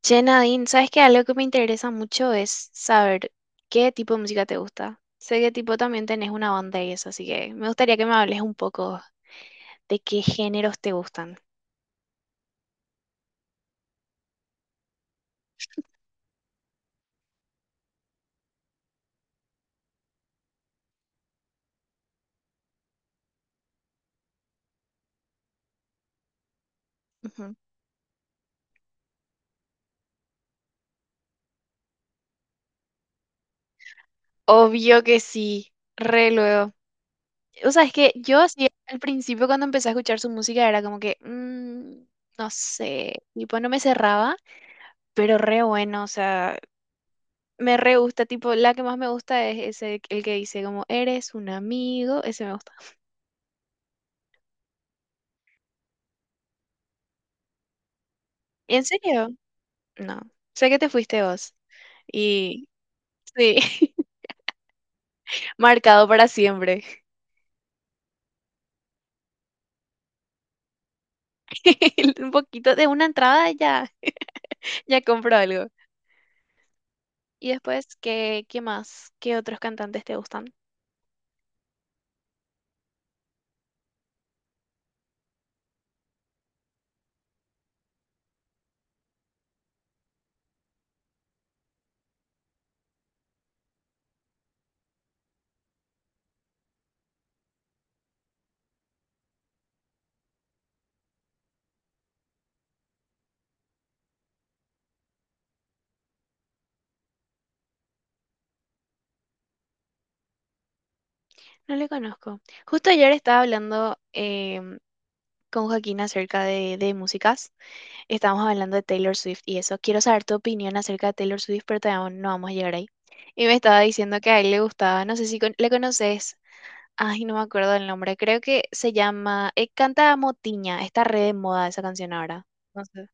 Che, Nadine, ¿sabes que algo que me interesa mucho es saber qué tipo de música te gusta? Sé que tipo también tenés una banda y eso, así que me gustaría que me hables un poco de qué géneros te gustan. Ujú. Obvio que sí, re luego. O sea, es que yo así al principio cuando empecé a escuchar su música era como que, no sé, tipo no me cerraba, pero re bueno, o sea, me re gusta, tipo la que más me gusta es ese, el que dice como, eres un amigo, ese me gusta. ¿En serio? No, sé que te fuiste vos. Y sí, marcado para siempre. Un poquito de una entrada ya, ya compro algo. Y después, ¿qué más? ¿Qué otros cantantes te gustan? No le conozco. Justo ayer estaba hablando con Joaquín acerca de músicas. Estábamos hablando de Taylor Swift y eso. Quiero saber tu opinión acerca de Taylor Swift, pero todavía no vamos a llegar ahí. Y me estaba diciendo que a él le gustaba, no sé si le conoces. Ay, no me acuerdo el nombre. Creo que se llama, canta Motiña. Está re de moda esa canción ahora. No sé.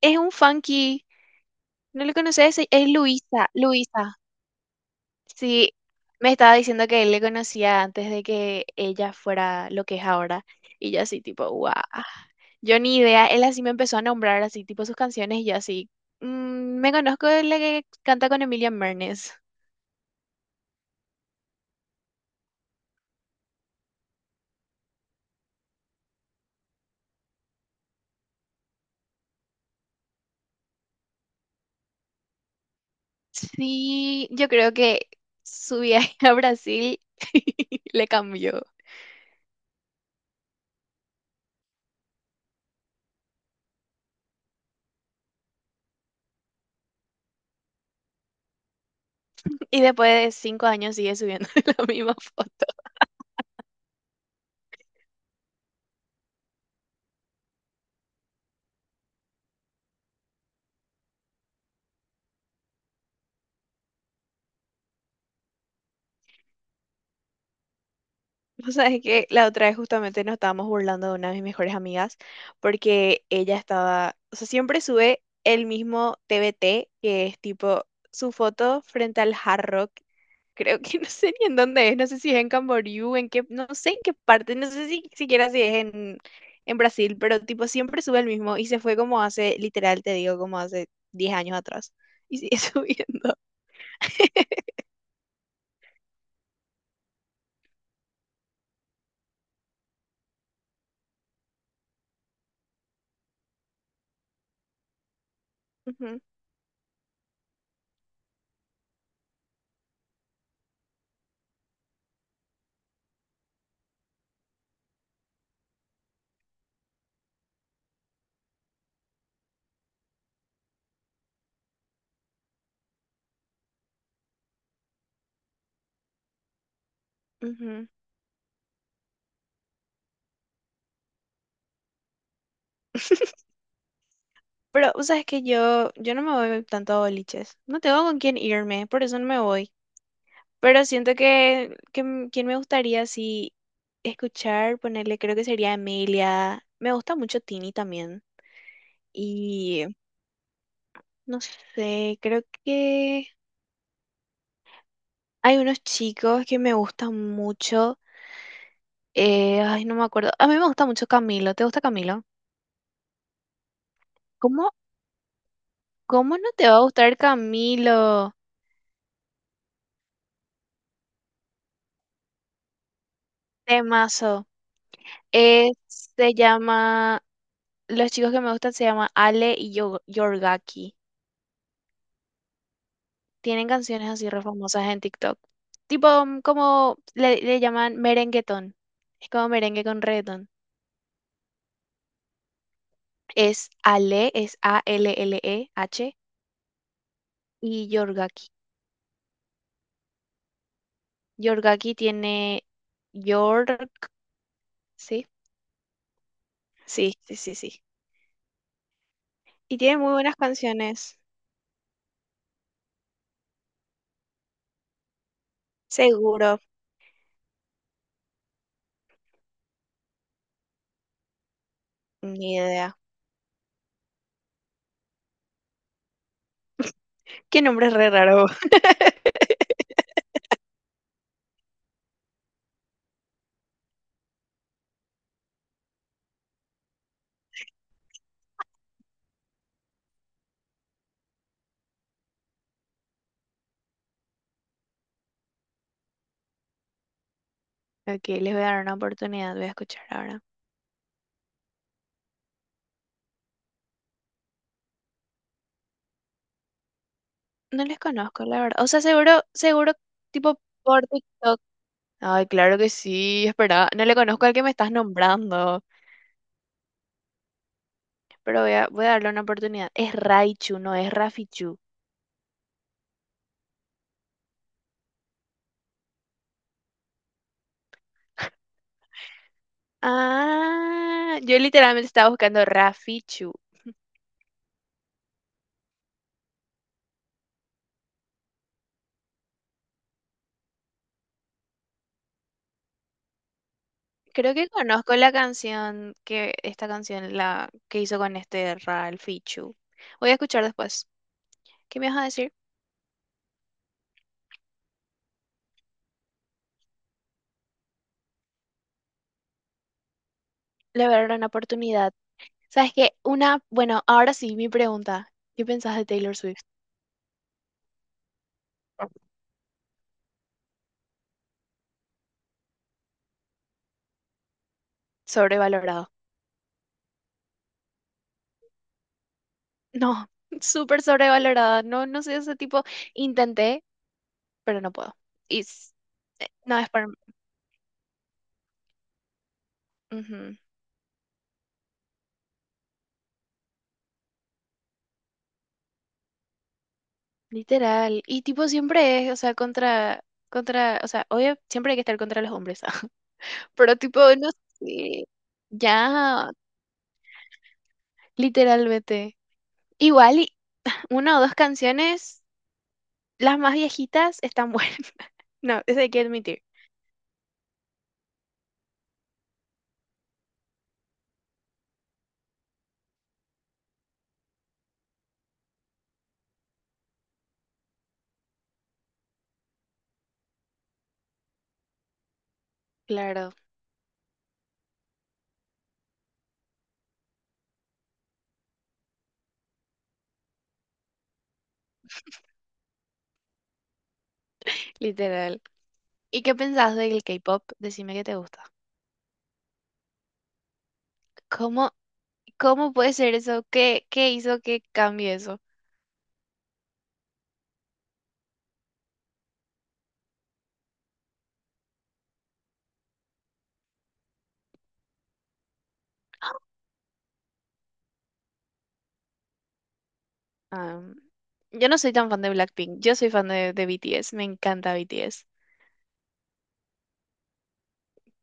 Es un funky. ¿No le conoces? Es Luisa. Luisa. Sí. Me estaba diciendo que él le conocía antes de que ella fuera lo que es ahora. Y yo así, tipo, guau. Yo ni idea. Él así me empezó a nombrar así, tipo, sus canciones. Y yo así, me conozco de la que canta con Emilia Mernes". Sí, yo creo que su viaje a Brasil le cambió. Y después de 5 años sigue subiendo la misma foto. O sea, es que la otra vez justamente nos estábamos burlando de una de mis mejores amigas porque ella estaba, o sea, siempre sube el mismo TBT, que es tipo su foto frente al Hard Rock. Creo que no sé ni en dónde es, no sé si es en Camboriú, en qué, no sé en qué parte, no sé si siquiera si es en Brasil, pero tipo siempre sube el mismo y se fue como hace, literal te digo, como hace 10 años atrás. Y sigue subiendo. Ujú, ujú. Pero, o sea, es que yo no me voy tanto a boliches. No tengo con quién irme, por eso no me voy. Pero siento que quien me gustaría así escuchar, ponerle, creo que sería Emilia. Me gusta mucho Tini también. Y no sé, creo que hay unos chicos que me gustan mucho. Ay, no me acuerdo. A mí me gusta mucho Camilo. ¿Te gusta Camilo? ¿Cómo, cómo no te va a gustar Camilo? Temazo. Se llama. Los chicos que me gustan se llaman Ale y Yorgaki. Tienen canciones así re famosas en TikTok. Tipo, como le llaman merenguetón. Es como merengue con reggaetón. Es Ale, es Alleh y Yorgaki. Yorgaki tiene York, ¿sí? Sí, sí, sí, sí. Y tiene muy buenas canciones. Seguro, ni idea. Qué nombre re raro. Ok, les voy a dar una oportunidad, voy a escuchar ahora. No les conozco, la verdad. O sea, seguro, seguro, tipo por TikTok. Ay, claro que sí, espera. No le conozco al que me estás nombrando. Pero voy a darle una oportunidad. Es Raichu, no es Rafichu. Ah, yo literalmente estaba buscando Rafichu. Creo que conozco la canción que, esta canción la que hizo con este Ralfichu. Voy a escuchar después. ¿Qué me vas a decir? Le voy a dar una oportunidad. ¿Sabes qué? Una, bueno, ahora sí, mi pregunta. ¿Qué pensás de Taylor Swift? Sobrevalorado. No, súper sobrevalorado. No, no soy ese tipo. Intenté, pero no puedo. Y no es para. Ujú, literal. Y tipo siempre es, o sea, contra, o sea, obvio, siempre hay que estar contra los hombres. Pero tipo, no sé. Ya, literalmente. Igual, y una o dos canciones, las más viejitas, están buenas. No, eso hay que admitir. Claro, literal. ¿Y qué pensás del K-pop? Decime que te gusta. ¿Cómo? ¿Cómo puede ser eso? ¿Qué hizo que cambie eso? Am, yo no soy tan fan de Blackpink, yo soy fan de BTS, me encanta BTS.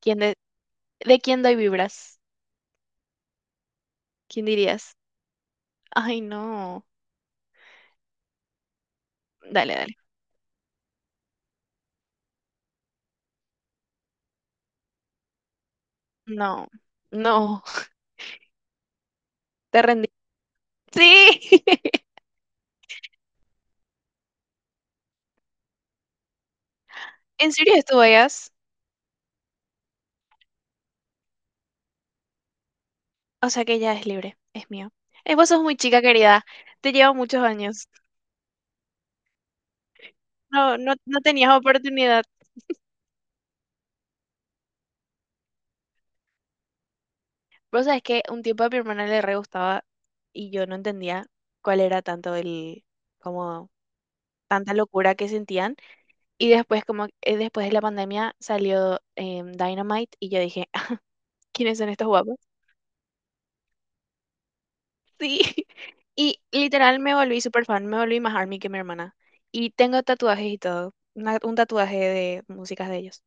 ¿Quién de quién doy vibras? ¿Quién dirías? Ay, no. Dale, dale. No, no, te rendí. Sí, en serio estuvo ellas. O sea que ya es libre, es mío. Vos sos muy chica, querida. Te llevo muchos años. No, no, no tenías oportunidad. Vos sabés que un tiempo a mi hermana le re gustaba y yo no entendía cuál era tanto el, como tanta locura que sentían. Y después, como después de la pandemia, salió Dynamite y yo dije, "Ah, ¿quiénes son estos guapos?". Sí. Y literal me volví super fan, me volví más ARMY que mi hermana. Y tengo tatuajes y todo, un tatuaje de músicas de ellos.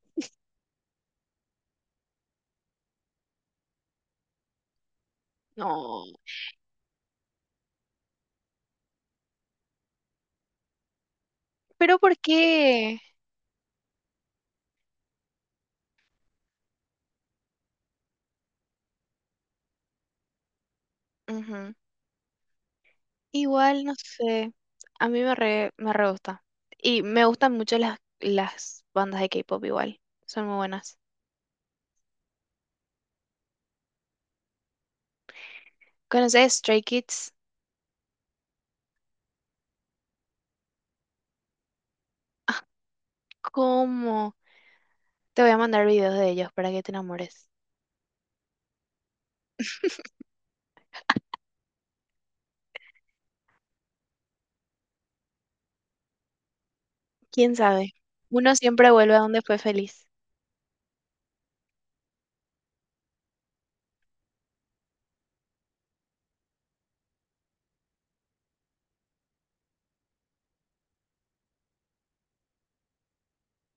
No. ¿Pero por qué? Igual, no sé, a mí me re gusta. Y me gustan mucho las bandas de K-pop igual, son muy buenas. ¿Conoces Stray Kids? ¿Cómo? Te voy a mandar videos de ellos para que te enamores. ¿Quién sabe? Uno siempre vuelve a donde fue feliz.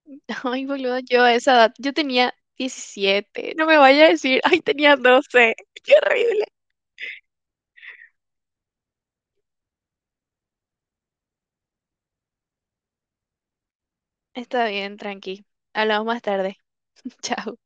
Ay, boludo, yo a esa edad, yo tenía 17. No me vaya a decir, ay, tenía 12. Qué horrible. Está bien, tranqui. Hablamos más tarde. Chao.